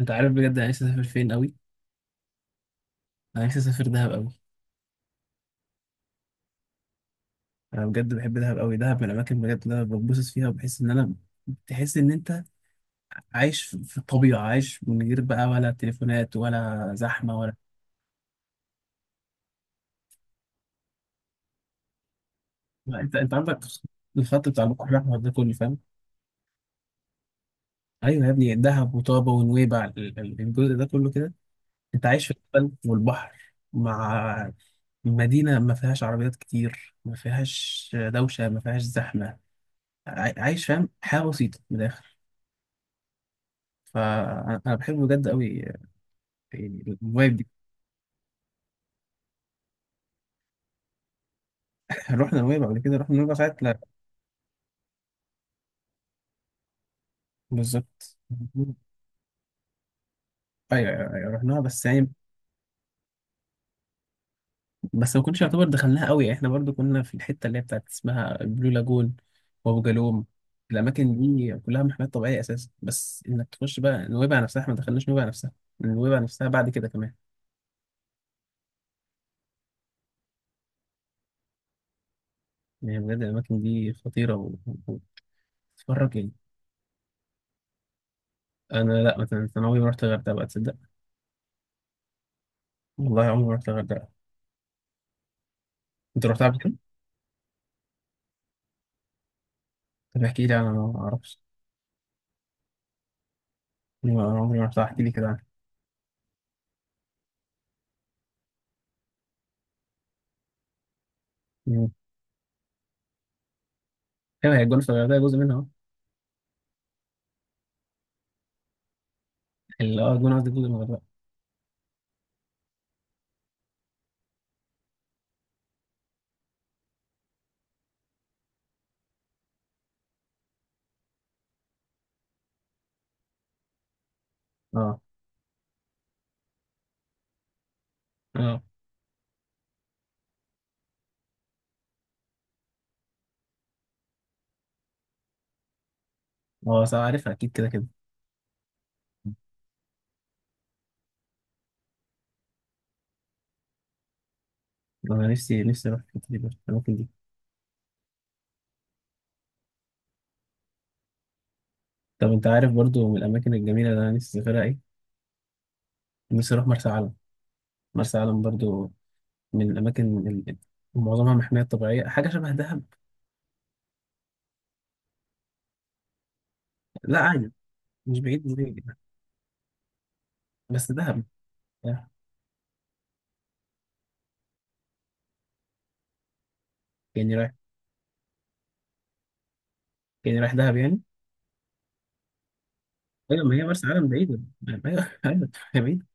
انت عارف بجد انا نفسي اسافر فين قوي. انا نفسي اسافر دهب قوي. انا بجد بحب دهب قوي، دهب من الاماكن بجد اللي انا بتبسط فيها وبحس ان انا تحس ان انت عايش في الطبيعه، عايش من غير بقى ولا تليفونات ولا زحمه ولا لا، انت عندك الخط بتاع البحر الاحمر ده كله فاهم. ايوه يا ابني دهب وطابه ونويبع الجزء ده كله كده. انت عايش في الجبل والبحر مع مدينه ما فيهاش عربيات كتير، ما فيهاش دوشه، ما فيهاش زحمه. عايش فاهم حياه بسيطه من الاخر. فانا أنا بحب بجد قوي يعني الفايب دي. رحنا نويبع قبل كده، رحنا نويبع ساعه لا بالظبط. ايوه أيوة، رحناها بس يعني بس ما كناش يعتبر دخلناها قوي، احنا برضو كنا في الحته اللي هي بتاعت اسمها البلو لاجون وابو جالوم. الاماكن دي كلها محميات طبيعيه اساسا، بس انك تخش بقى نويبع نفسها، احنا ما دخلناش نويبع نفسها. نويبع نفسها بعد كده كمان. يعني بجد الاماكن دي خطيره و- وتتفرج يعني. انا لا، مثلا انا عمري ما رحت الغردقه بقى تصدق. والله عمري ما رحت الغردقه. انت رحتها قبل كده؟ طب احكي لي، انا ما اعرفش. ما عمري ما رحتها، احكي لي كده عنها. مم. ايوه هي الجونه في الغردقه جزء منها، اه. اه الجونه قصدي جزء من الغردقه. اه. اه. اه صح عارفها اكيد كده كده. انا نفسي نفسي اروح الحتة دي برضه، الاماكن دي. طب انت عارف برضو من الاماكن الجميله اللي انا نفسي اسافرها ايه؟ نفسي اروح مرسى علم. مرسى علم برضو من الاماكن اللي معظمها محميات طبيعيه، حاجه شبه دهب. لا عادي، مش بعيد مش بعيد، بس دهب يعني رايح، يعني رايح دهب يعني. ايوه ما هي مرسى علم بعيده. ايوه. ايوه هي بعيده.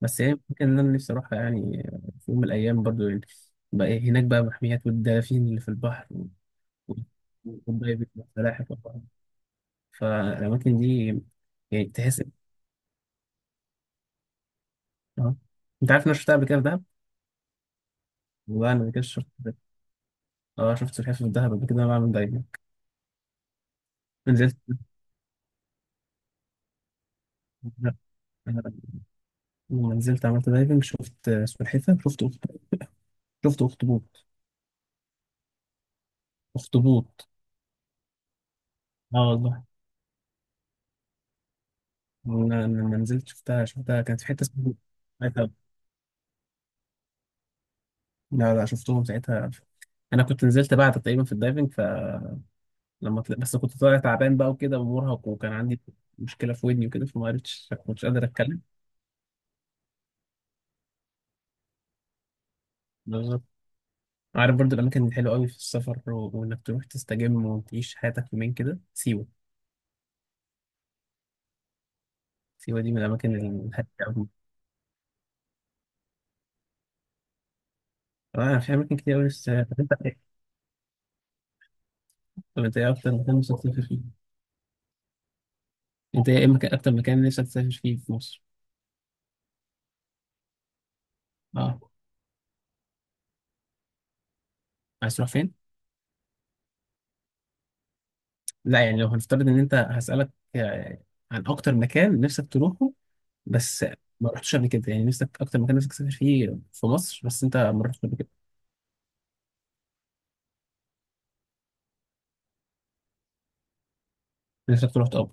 بس هي ممكن ان انا نفسي اروحها يعني، في يوم من الايام برضو يعني. بقى إيه هناك بقى، محميات والدلافين اللي في البحر و- والدايفنج والسلاحف والبحر. فالاماكن دي يعني تحس. اه انت عارف إن انا شفتها قبل كده في دهب. والله انا قبل كده شفت، اه شفت سلحفاة في دهب قبل كده انا بعمل دايفنج. نزلت. لما نزلت عملت دايفنج شفت سلحفاة شفت شفت اخطبوط. اخطبوط. اه والله. لما نزلت شفتها، شفتها كانت في حته اسمها. لا لا، شفتهم ساعتها. انا كنت نزلت بعد تقريبا في الدايفنج، فلما طلع بس كنت طالع تعبان بقى وكده ومرهق، وكان عندي مشكله في ودني وكده فما عرفتش، ما كنتش قادر اتكلم. بالظبط. عارف برضو الاماكن الحلوه قوي في السفر وانك تروح تستجم وتعيش حياتك يومين كده سيوه. سيوه دي من الاماكن الهاديه قوي. انا في اماكن كتير قوي، بس طب انت ايه، طب انت ايه اكتر مكان نفسك تسافر فيه؟ انت ايه مكان، اكتر مكان نفسك تسافر فيه في مصر؟ اه. عايز تروح فين؟ لا يعني لو هنفترض ان انت هسالك عن اكتر مكان نفسك تروحه بس ما رحتش قبل كده، يعني نفسك اكتر مكان نفسك تسافر فيه في مصر بس انت ما رحتش قبل كده. نفسك تروح طب.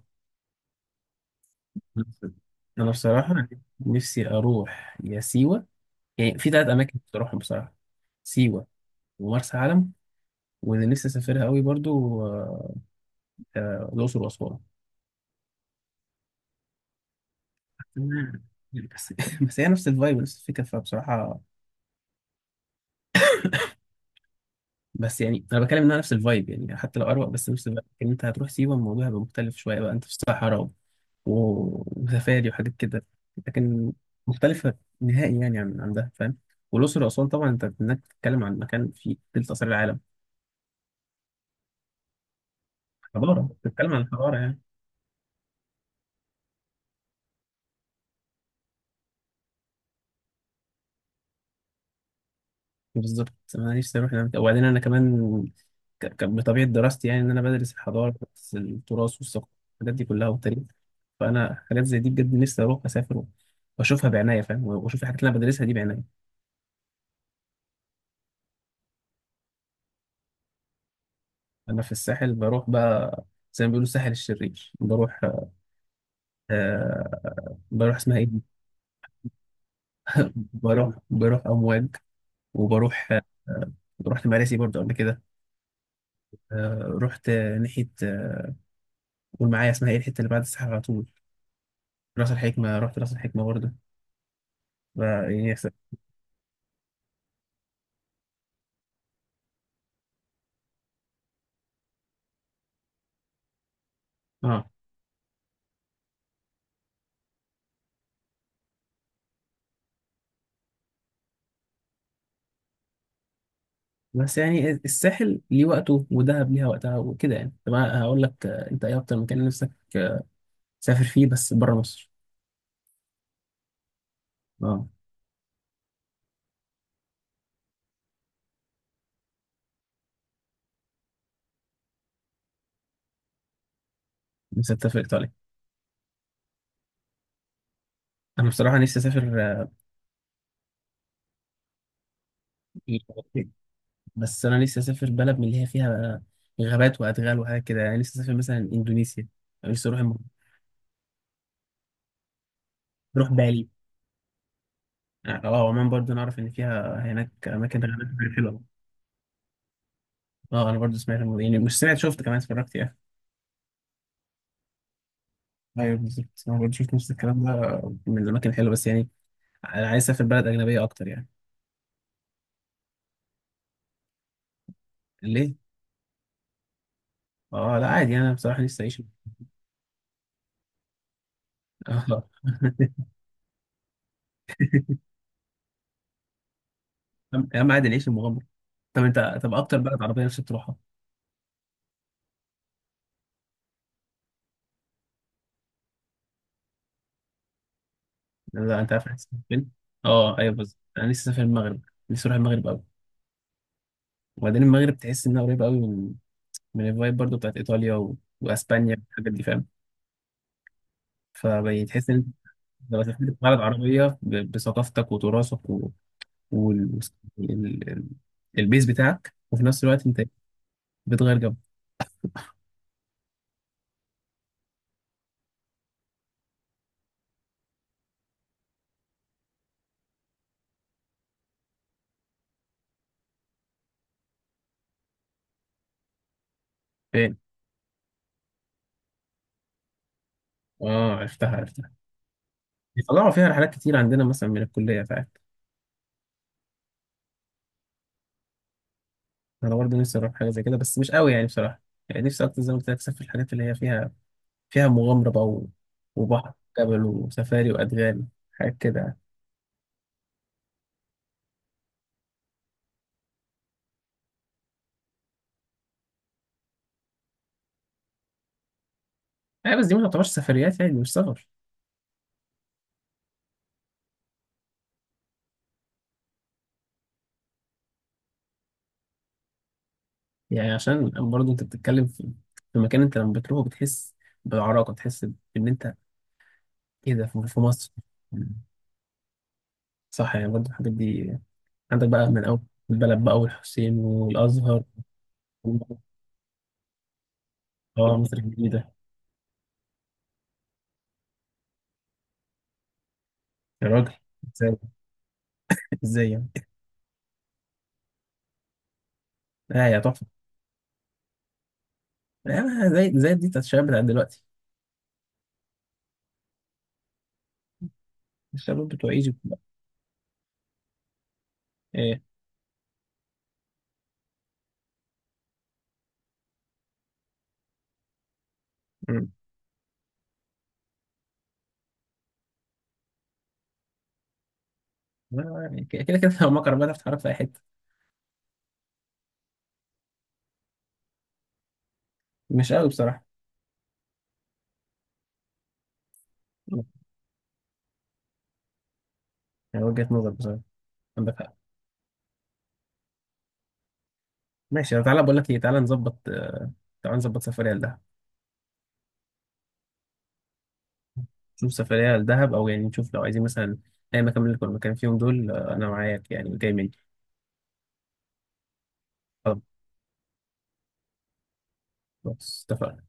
انا بصراحه نفسي اروح يا سيوه، يعني في ثلاث اماكن نفسي اروحهم بصراحه. سيوه ومرسى علم، واللي نفسي اسافرها قوي برضو الاقصر واسوان. مم. بس بس هي نفس الفايب، نفس الفكره فبصراحه. بس يعني انا بتكلم انها نفس الفايب، يعني حتى لو اروق بس نفس الفايب، ان انت هتروح سيوه الموضوع هيبقى مختلف شويه بقى انت في الصحراء وسفاري وحاجات كده. لكن مختلفة نهائي يعني عن ده، فاهم؟ والأقصر وأسوان طبعا أنت إنك بتتكلم عن مكان فيه تلت آثار العالم. حضارة، بتتكلم عن حضارة يعني. بالظبط، أنا نفسي أروح هناك. وبعدين أنا كمان، بطبيعة دراستي يعني إن أنا بدرس الحضارة، بدرس التراث والثقافة، الحاجات دي كلها والتاريخ. فأنا حاجات زي دي بجد نفسي أروح أسافر وأشوفها بعناية، فاهم، وأشوف الحاجات اللي أنا بدرسها دي بعناية. أنا في الساحل بروح بقى زي ما بيقولوا الساحل الشرير بروح، بروح اسمها إيه. بروح، بروح أمواج، وبروح رحت مراسي برضه قبل كده. رحت ناحية قول معايا اسمها ايه الحتة اللي بعد الساحل على طول. راس الحكمة، رحت راس الحكمة برضه. ف- يعني س- اه بس يعني الساحل ليه وقته ودهب ليها وقتها وكده يعني. طب أنا هقول لك، انت ايه اكتر مكان نفسك آه، تسافر فيه بس بره مصر؟ اه نفسك تسافر ايطاليا؟ انا بصراحة نفسي اسافر بس انا نفسي اسافر بلد من اللي هي فيها غابات وادغال وحاجات كده يعني، نفسي اسافر مثلا اندونيسيا. أنا نفسي اروح، نروح بالي. اه عمان برضو نعرف ان فيها هناك اماكن غابات كتير حلوه. اه انا برضو سمعت الموضوع، يعني مش سمعت، شفت كمان اتفرجت يعني. ايوه بالظبط انا برضو شفت نفس الكلام ده، من الاماكن الحلوه بس يعني انا عايز اسافر بلد اجنبيه اكتر يعني. ليه؟ اه لا عادي انا بصراحه لسه اعيش. اه يا عم عادي نعيش المغامره. طب انت، طب اكتر بلد عربيه نفسك تروحها؟ لا انت عارف أنا هسافر فين؟ اه ايوه بالظبط، انا لسه سافر المغرب، لسه اروح المغرب قوي. وبعدين المغرب تحس انها قريبه قوي من من الفايب برضو بتاعت ايطاليا و... واسبانيا والحاجات دي، فاهم. فبتحس ان انت لو سافرت بلد عربيه بثقافتك وتراثك و... وال... ال... ال- البيز بتاعك وفي نفس الوقت انت بتغير جو. فين؟ اه عرفتها عرفتها، بيطلعوا فيها رحلات كتير عندنا مثلا من الكليه فعلا. انا برضه نفسي اروح حاجه زي كده بس مش قوي يعني بصراحه، يعني نفسي اكتر زي ما قلت لك اسافر الحاجات اللي هي فيها، فيها مغامره بقى و... وبحر، جبل وسفاري وادغال، حاجات كده. يعني بس دي ما تعتبرش سفريات يعني، مش سفر. يعني عشان برضه انت بتتكلم في في مكان انت لما بتروحه بتحس بعراقه، بتحس بان انت ايه ده في في مصر. مم. صح يعني برضه الحاجات دي عندك بقى من اول البلد بقى والحسين والازهر و- اه مصر الجديده. يا راجل ازاي، ازاي يعني؟ اه يا تحفه. آه زي زي دي بتاعت الشباب بتاع دلوقتي، الشباب بتوع ايجيبت بقى. ايه؟ مم. يعني كده كده كده لو مكر بقى تتعرف في اي حته. مش قوي بصراحه. مم. يعني وجهه نظر بصراحه، عندك حق. ماشي، تعالى بقول لك ايه، تعالى نظبط تعالى نظبط سفريه لده. نشوف سفرية لدهب، أو يعني نشوف لو عايزين مثلا أي مكان من اللي كنا مكان فيهم دول، أنا معاك يعني جاي مني. طب خلاص اتفقنا.